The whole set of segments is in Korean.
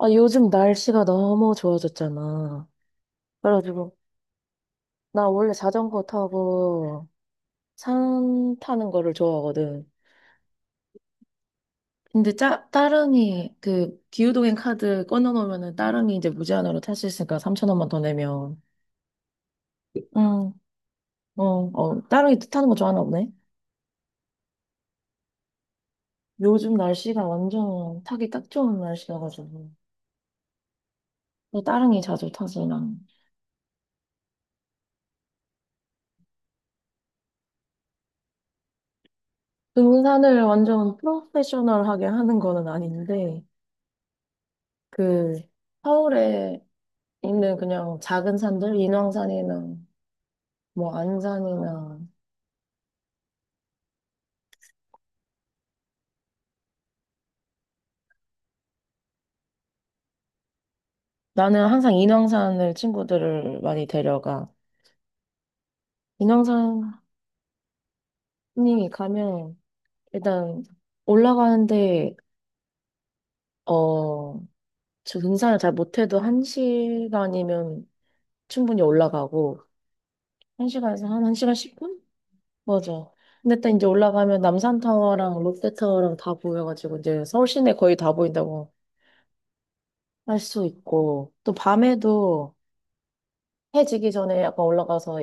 아, 요즘 날씨가 너무 좋아졌잖아. 그래가지고, 나 원래 자전거 타고 산 타는 거를 좋아하거든. 근데 따릉이, 기후동행 카드 꺼내놓으면은 따릉이 이제 무제한으로 탈 수 있으니까 3,000원만 더 내면. 응, 어, 어, 따릉이 타는 거 좋아하나 보네. 요즘 날씨가 완전 타기 딱 좋은 날씨여가지고. 또 따릉이 자주 타지, 난. 등산을 완전 프로페셔널하게 하는 거는 아닌데, 그, 서울에 있는 그냥 작은 산들, 인왕산이나 뭐 안산이나. 나는 항상 인왕산을 친구들을 많이 데려가. 인왕산이 가면 일단 올라가는데 어, 저 등산을 잘 못해도 한 시간이면 충분히 올라가고 한 시간에서 한 1시간 10분? 맞아. 근데 딱 이제 올라가면 남산타워랑 롯데타워랑 다 보여가지고 이제 서울 시내 거의 다 보인다고 할 수 있고 또 밤에도 해 지기 전에 약간 올라가서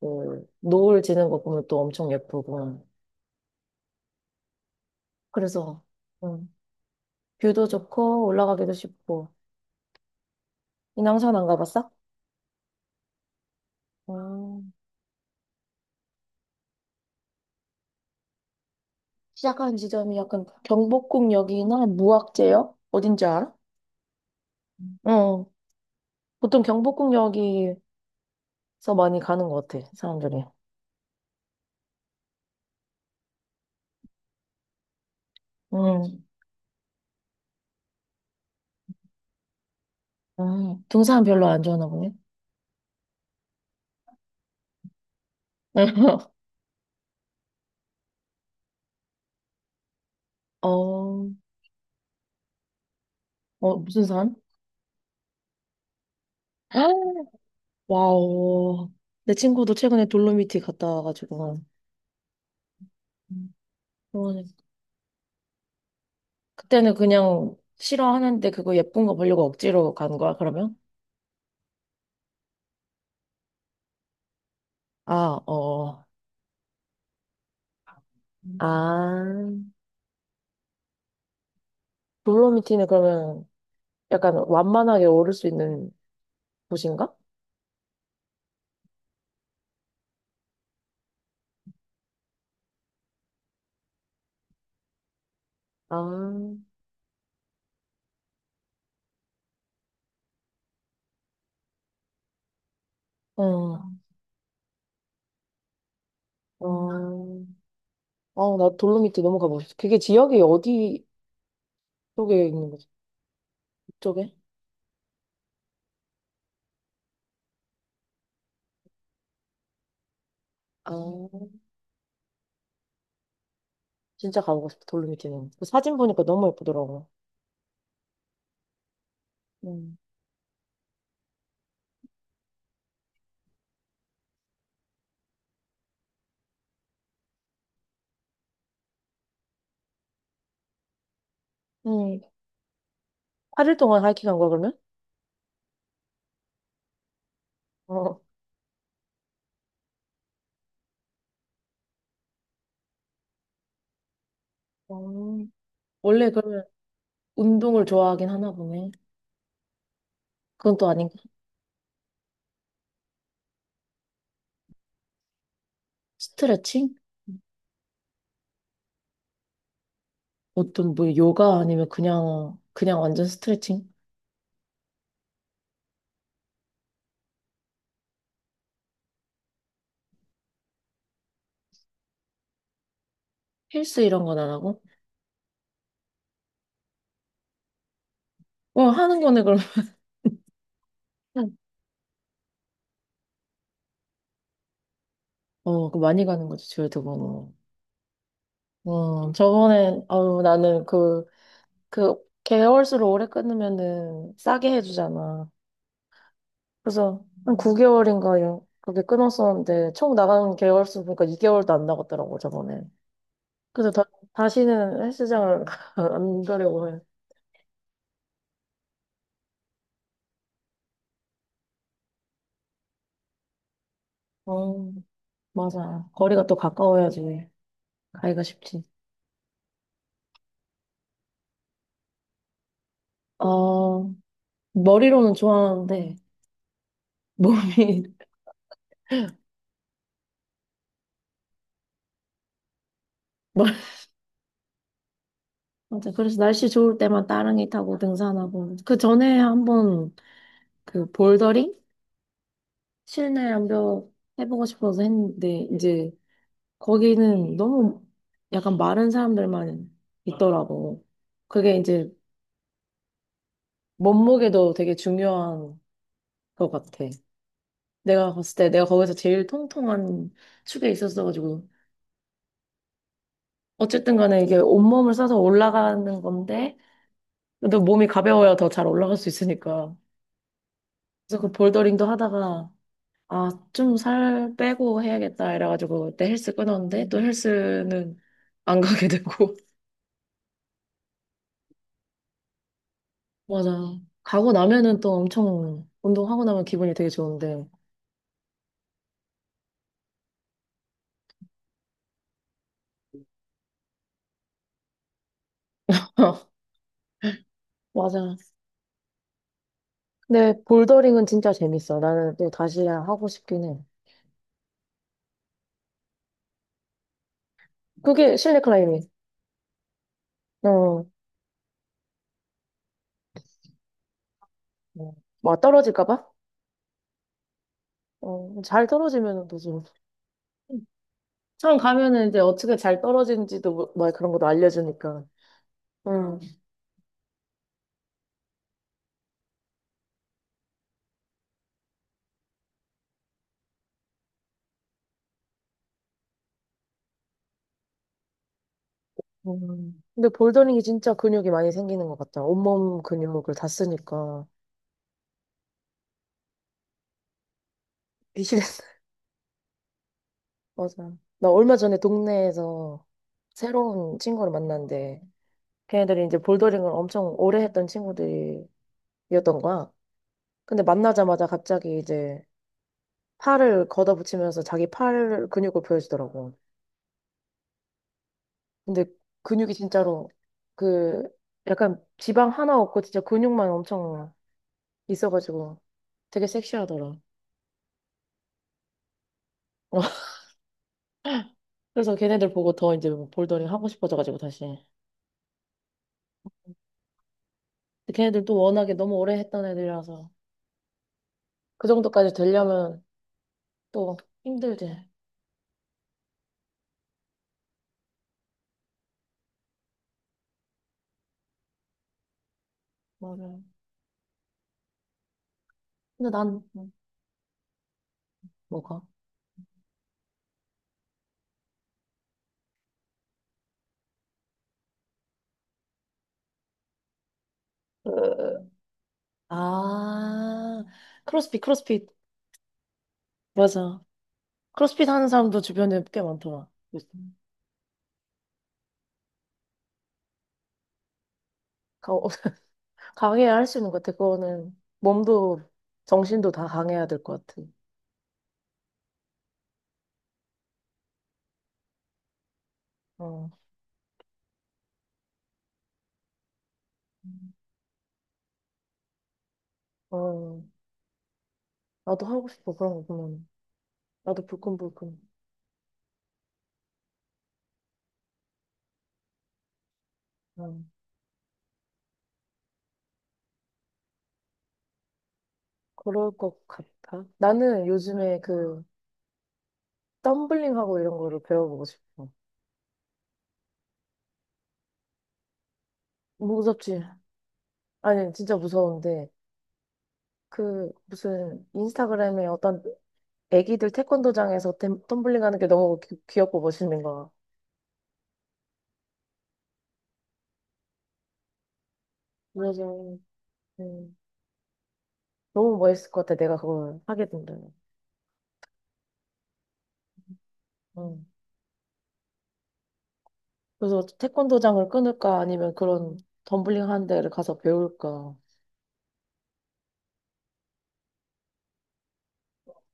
그 노을 지는 거 보면 또 엄청 예쁘고. 그래서 음, 뷰도 좋고 올라가기도 쉽고. 인왕산 안 가봤어? 음. 시작한 지점이 약간 경복궁역이나 무악재역? 어딘지 알아? 응, 보통 경복궁역에서 많이 가는 것 같아, 사람들이. 응, 등산 별로 안 좋아하나 보네. 어, 무슨 산? 와우. 내 친구도 최근에 돌로미티 갔다 와가지고. 음. 그러네. 그때는 그냥 싫어하는데 그거 예쁜 거 보려고 억지로 간 거야, 그러면? 아, 어. 아, 돌로미티는 그러면 약간 완만하게 오를 수 있는 곳인가? 아, 응. 어, 아, 나 돌로미티 너무 가보고 싶어. 그게 지역이 어디 쪽에 있는 거지? 북쪽에? 아, 진짜 가보고 싶어, 돌로미티는. 그 사진 보니까 너무 예쁘더라고. 음, 응. 8일 동안 하이킹 한 거야, 그러면? 어. 어, 원래 그러면 운동을 좋아하긴 하나 보네. 그건 또 아닌가? 스트레칭? 어떤 뭐 요가 아니면 그냥 그냥 완전 스트레칭? 헬스 이런 건 안 하고? 어, 하는 거네 그럼. 어, 그거 많이 가는 거지 주에 2번. 저번에 아유 나는 그 개월수로 오래 끊으면은 싸게 해주잖아. 그래서 한 9개월인가 요 그렇게 끊었었는데 총 나가는 개월수 보니까 2개월도 안 나갔더라고 저번에. 그래서 다시는 헬스장을 안 가려고 해. 어. 맞아. 거리가 또 가까워야지 가기가 쉽지. 어, 머리로는 좋아하는데 몸이 멀- 맞아. 그래서 날씨 좋을 때만 따릉이 타고 등산하고 그 전에 한번 그 볼더링 실내 암벽 해보고 싶어서 했는데 이제 거기는 너무 약간 마른 사람들만 있더라고. 그게 이제 몸무게도 되게 중요한 것 같아. 내가 봤을 때 내가 거기서 제일 통통한 축에 있었어가지고. 어쨌든 간에 이게 온몸을 써서 올라가는 건데, 그래도 몸이 가벼워야 더 잘 올라갈 수 있으니까. 그래서 그 볼더링도 하다가, 아, 좀 살 빼고 해야겠다. 이래가지고 그때 헬스 끊었는데, 또 헬스는 안 가게 되고. 맞아. 가고 나면은 또 엄청, 운동하고 나면 기분이 되게 좋은데. 맞아. 근데 볼더링은 진짜 재밌어. 나는 또 다시 하고 싶긴 해. 그게 실내 클라이밍. 어, 어. 막 떨어질까 봐? 어, 잘 떨어지면 또 처음 가면은 이제 어떻게 잘 떨어지는지도 막 그런 것도 알려주니까. 응. 음. 근데 볼더링이 진짜 근육이 많이 생기는 것 같아. 온몸 근육을 다 쓰니까. 미실했어 맞아. 나 얼마 전에 동네에서 새로운 친구를 만났는데, 걔네들이 이제 볼더링을 엄청 오래 했던 친구들이었던 거야. 근데 만나자마자 갑자기 이제 팔을 걷어붙이면서 자기 팔 근육을 보여주더라고. 근데 근육이 진짜로 그 약간 지방 하나 없고 진짜 근육만 엄청 있어가지고 되게 섹시하더라. 그래서 걔네들 보고 더 이제 뭐 볼더링 하고 싶어져가지고 다시. 근데 걔네들 또 워낙에 너무 오래 했던 애들이라서 그 정도까지 되려면 또 힘들지. 맞아. 근데 난 뭐가? 으. 아, 크로스핏 크로스핏 맞아. 크로스핏 하는 사람도 주변에 꽤 많더라. 요즘. 가- 어, 강해야 할 수 있는 것 같아. 그거는 몸도 정신도 다 강해야 될 것 같아. 어, 어, 나도 하고 싶어. 그런 거 보면 나도 불끈불끈. 어, 그럴 것 같아. 나는 요즘에 그 덤블링하고 이런 거를 배워보고 싶어. 무섭지? 아니 진짜 무서운데 그 무슨 인스타그램에 어떤 애기들 태권도장에서 덤블링하는 게 너무 귀엽고 멋있는 거야. 그래서 음, 너무 멋있을 것 같아. 내가 그걸 하게 된다면. 어. 그래서 태권도장을 끊을까 아니면 그런 덤블링 하는 데를 가서 배울까.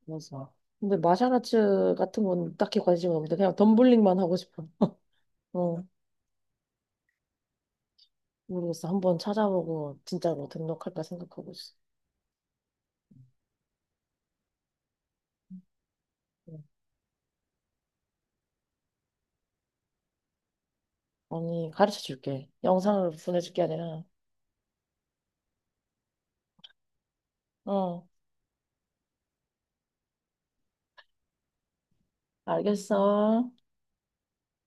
그래서. 근데 마샬아츠 같은 건 딱히 관심이 없는데 그냥 덤블링만 하고 싶어. 어, 모르겠어. 한번 찾아보고 진짜로 등록할까 생각하고 있어. 응. 언니 가르쳐 줄게. 영상을 보내줄 게 아니라. 어, 알겠어.